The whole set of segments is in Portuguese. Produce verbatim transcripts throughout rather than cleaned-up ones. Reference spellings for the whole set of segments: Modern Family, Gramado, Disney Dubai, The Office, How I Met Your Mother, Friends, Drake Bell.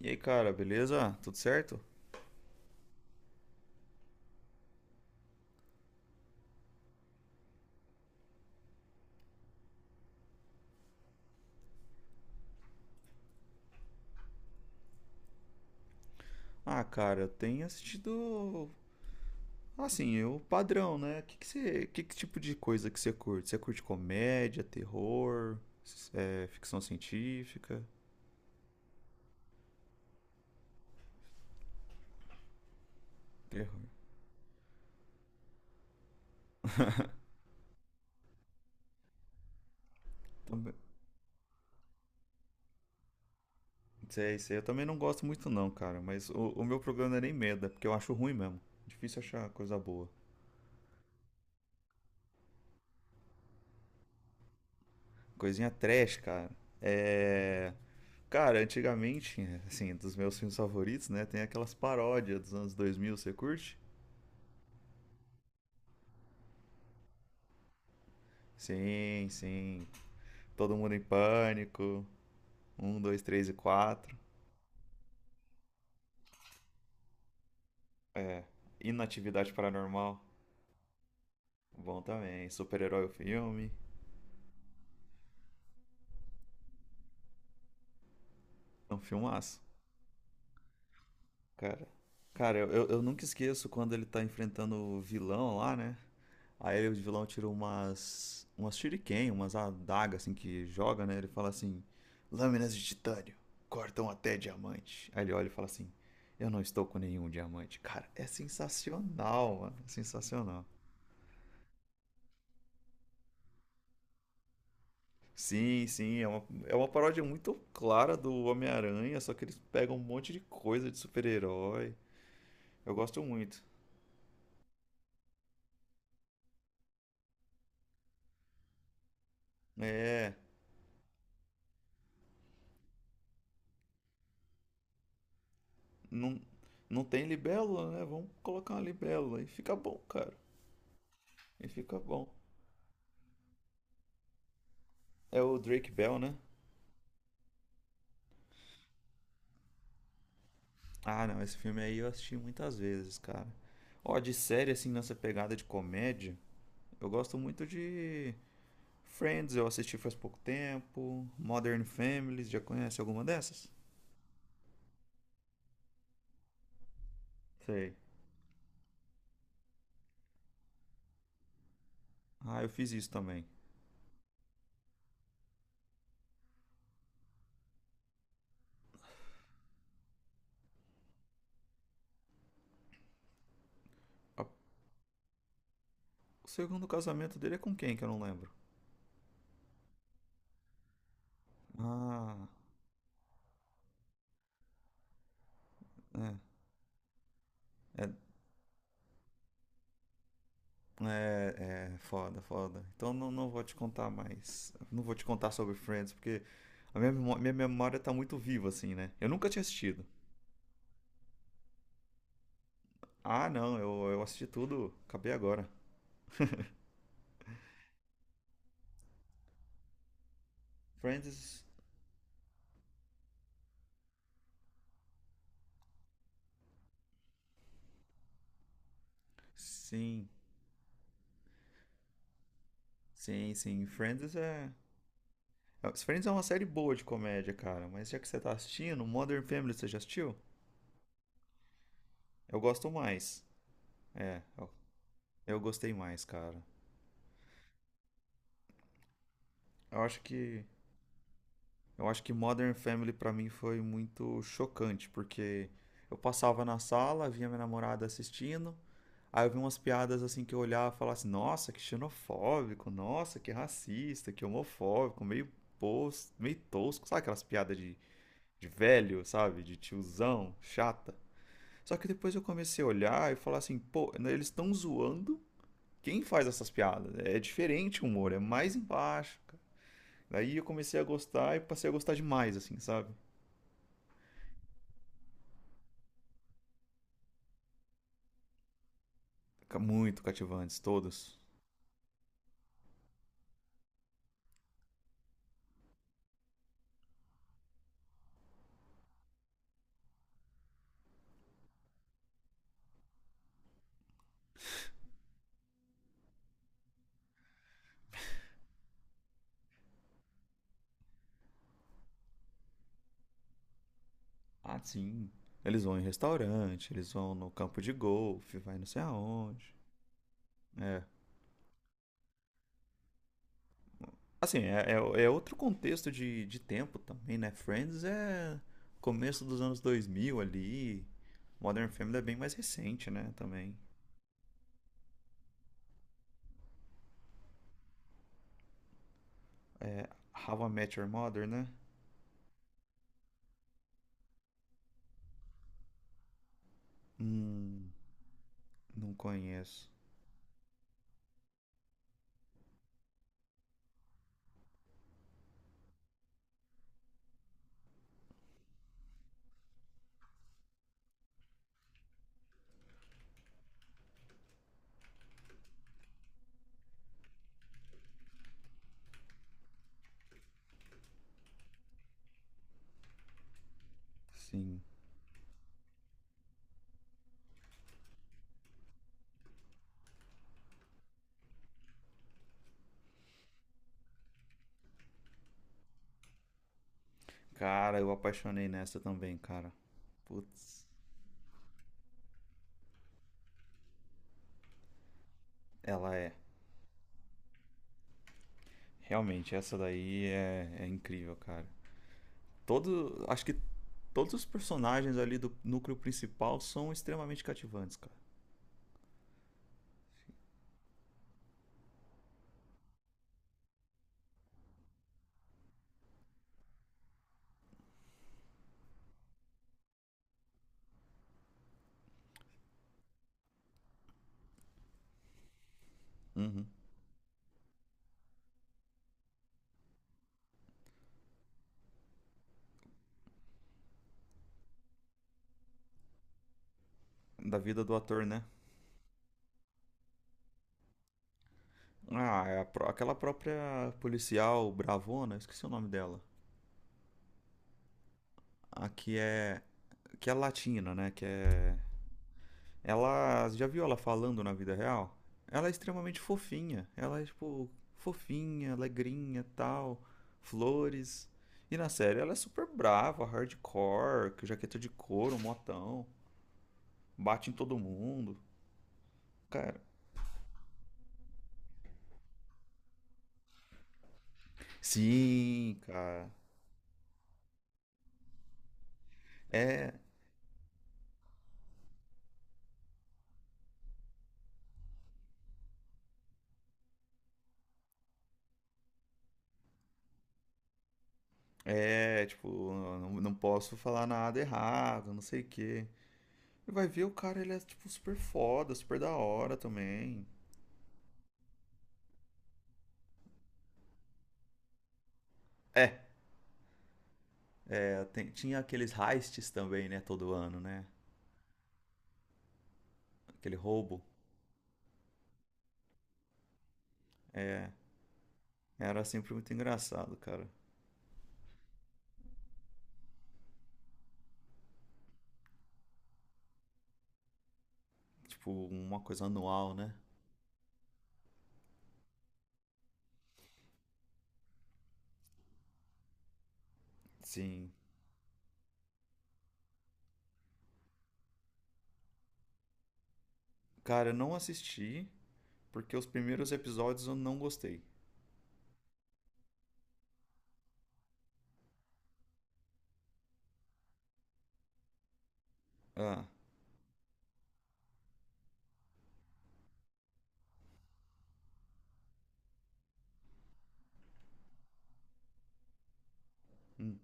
E aí, cara, beleza? Tudo certo? Ah, cara, eu tenho assistido. Assim, o padrão, né? Que que você, que, que tipo de coisa que você curte? Você curte comédia, terror, s- é, ficção científica? Terror. Também. Sei, sei. Eu também não gosto muito, não, cara. Mas o, o meu programa não é nem medo, é porque eu acho ruim mesmo. Difícil achar coisa boa. Coisinha trash, cara. É. Cara, antigamente, assim, dos meus filmes favoritos, né? Tem aquelas paródias dos anos dois mil. Você curte? Sim, sim. Todo mundo em pânico. Um, dois, três e quatro. É. Inatividade Paranormal. Bom também. Super-herói o filme. É um filmaço. Cara. Cara, eu, eu, eu nunca esqueço quando ele tá enfrentando o vilão lá, né? Aí o vilão tira umas. umas shuriken, umas adagas assim que joga, né? Ele fala assim: lâminas de titânio cortam até diamante. Aí ele olha e fala assim: eu não estou com nenhum diamante. Cara, é sensacional, mano. É sensacional. Sim, sim, é uma, é uma paródia muito clara do Homem-Aranha, só que eles pegam um monte de coisa de super-herói. Eu gosto muito. É, não, não tem libélula, né? Vamos colocar uma libélula e fica bom, cara. E fica bom. É o Drake Bell, né? Ah, não, esse filme aí eu assisti muitas vezes, cara. Ó, de série, assim, nessa pegada de comédia, eu gosto muito de Friends, eu assisti faz pouco tempo. Modern Families, já conhece alguma dessas? Sei. Ah, eu fiz isso também. a- o segundo casamento dele é com quem que eu não lembro? Ah, é. É, é, é foda, foda. Então não, não vou te contar mais. Não vou te contar sobre Friends, porque a minha, memó- minha memória tá muito viva, assim, né? Eu nunca tinha assistido. Ah, não, eu, eu assisti tudo, acabei agora. Friends, sim, sim, sim. Friends é. é- Friends é uma série boa de comédia, cara, mas já que você tá assistindo, Modern Family você já assistiu? Eu gosto mais. É, eu, eu gostei mais, cara. Eu acho que Eu acho que Modern Family pra mim foi muito chocante, porque eu passava na sala, via minha namorada assistindo, aí eu vi umas piadas assim que eu olhava e falava assim, nossa, que xenofóbico, nossa, que racista, que homofóbico, meio pos, meio tosco, sabe aquelas piadas de, de velho, sabe? De tiozão, chata. Só que depois eu comecei a olhar e falar assim, pô, né, eles estão zoando quem faz essas piadas. Né? É diferente o humor, é mais embaixo, cara. Daí eu comecei a gostar e passei a gostar demais, assim, sabe? Muito cativantes, todos. Ah, sim. Eles vão em restaurante, eles vão no campo de golfe, vai não sei aonde. É. Assim, é, é- é outro contexto de, de tempo também, né? Friends é começo dos anos dois mil ali. Modern Family é bem mais recente, né? Também. É How I Met Your Mother, né? Hum, não conheço. Sim. Cara, eu apaixonei nessa também, cara. Putz, ela é. Realmente, essa daí é, é incrível, cara. Todo, acho que todos os personagens ali do núcleo principal são extremamente cativantes, cara. Uhum. Da vida do ator, né? Ah, é a pró- aquela própria policial bravona, esqueci o nome dela. A que é. Que é latina, né? Que é. Ela. Já viu ela falando na vida real? Ela é extremamente fofinha. Ela é, tipo, fofinha, alegrinha tal. Flores. E na série ela é super brava, hardcore, com jaqueta de couro, motão. Bate em todo mundo. Cara, sim, cara. É, é, tipo, não, não posso falar nada errado, não sei o quê. E vai ver o cara, ele é, tipo, super foda, super da hora também. É, é, tem- Tinha aqueles heists também, né, todo ano, né? Aquele roubo. É, era sempre muito engraçado, cara. Tipo, uma coisa anual, né? Sim. Cara, eu não assisti, porque os primeiros episódios eu não gostei. Ah, hum,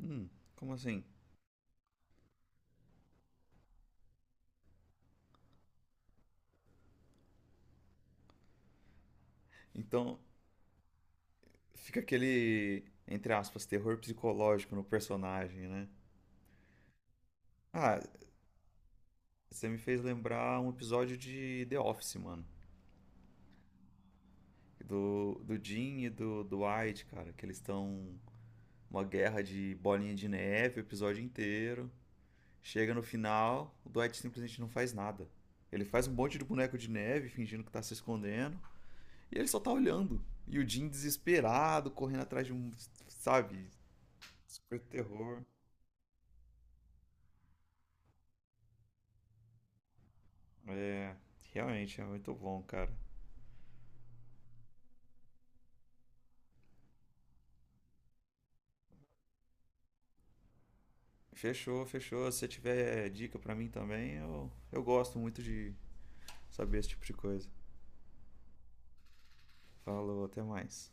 hum, como assim? Então, fica aquele, entre aspas, terror psicológico no personagem, né? Ah, você me fez lembrar um episódio de The Office, mano. Do, do Jim e do, do Dwight, cara, que eles estão uma guerra de bolinha de neve o episódio inteiro. Chega no final, o Dwight simplesmente não faz nada. Ele faz um monte de boneco de neve, fingindo que tá se escondendo, e ele só tá olhando. E o Jim desesperado, correndo atrás de um, sabe, super terror. É, realmente é muito bom, cara. Fechou, fechou. Se você tiver dica pra mim também, eu, eu gosto muito de saber esse tipo de coisa. Falou, até mais.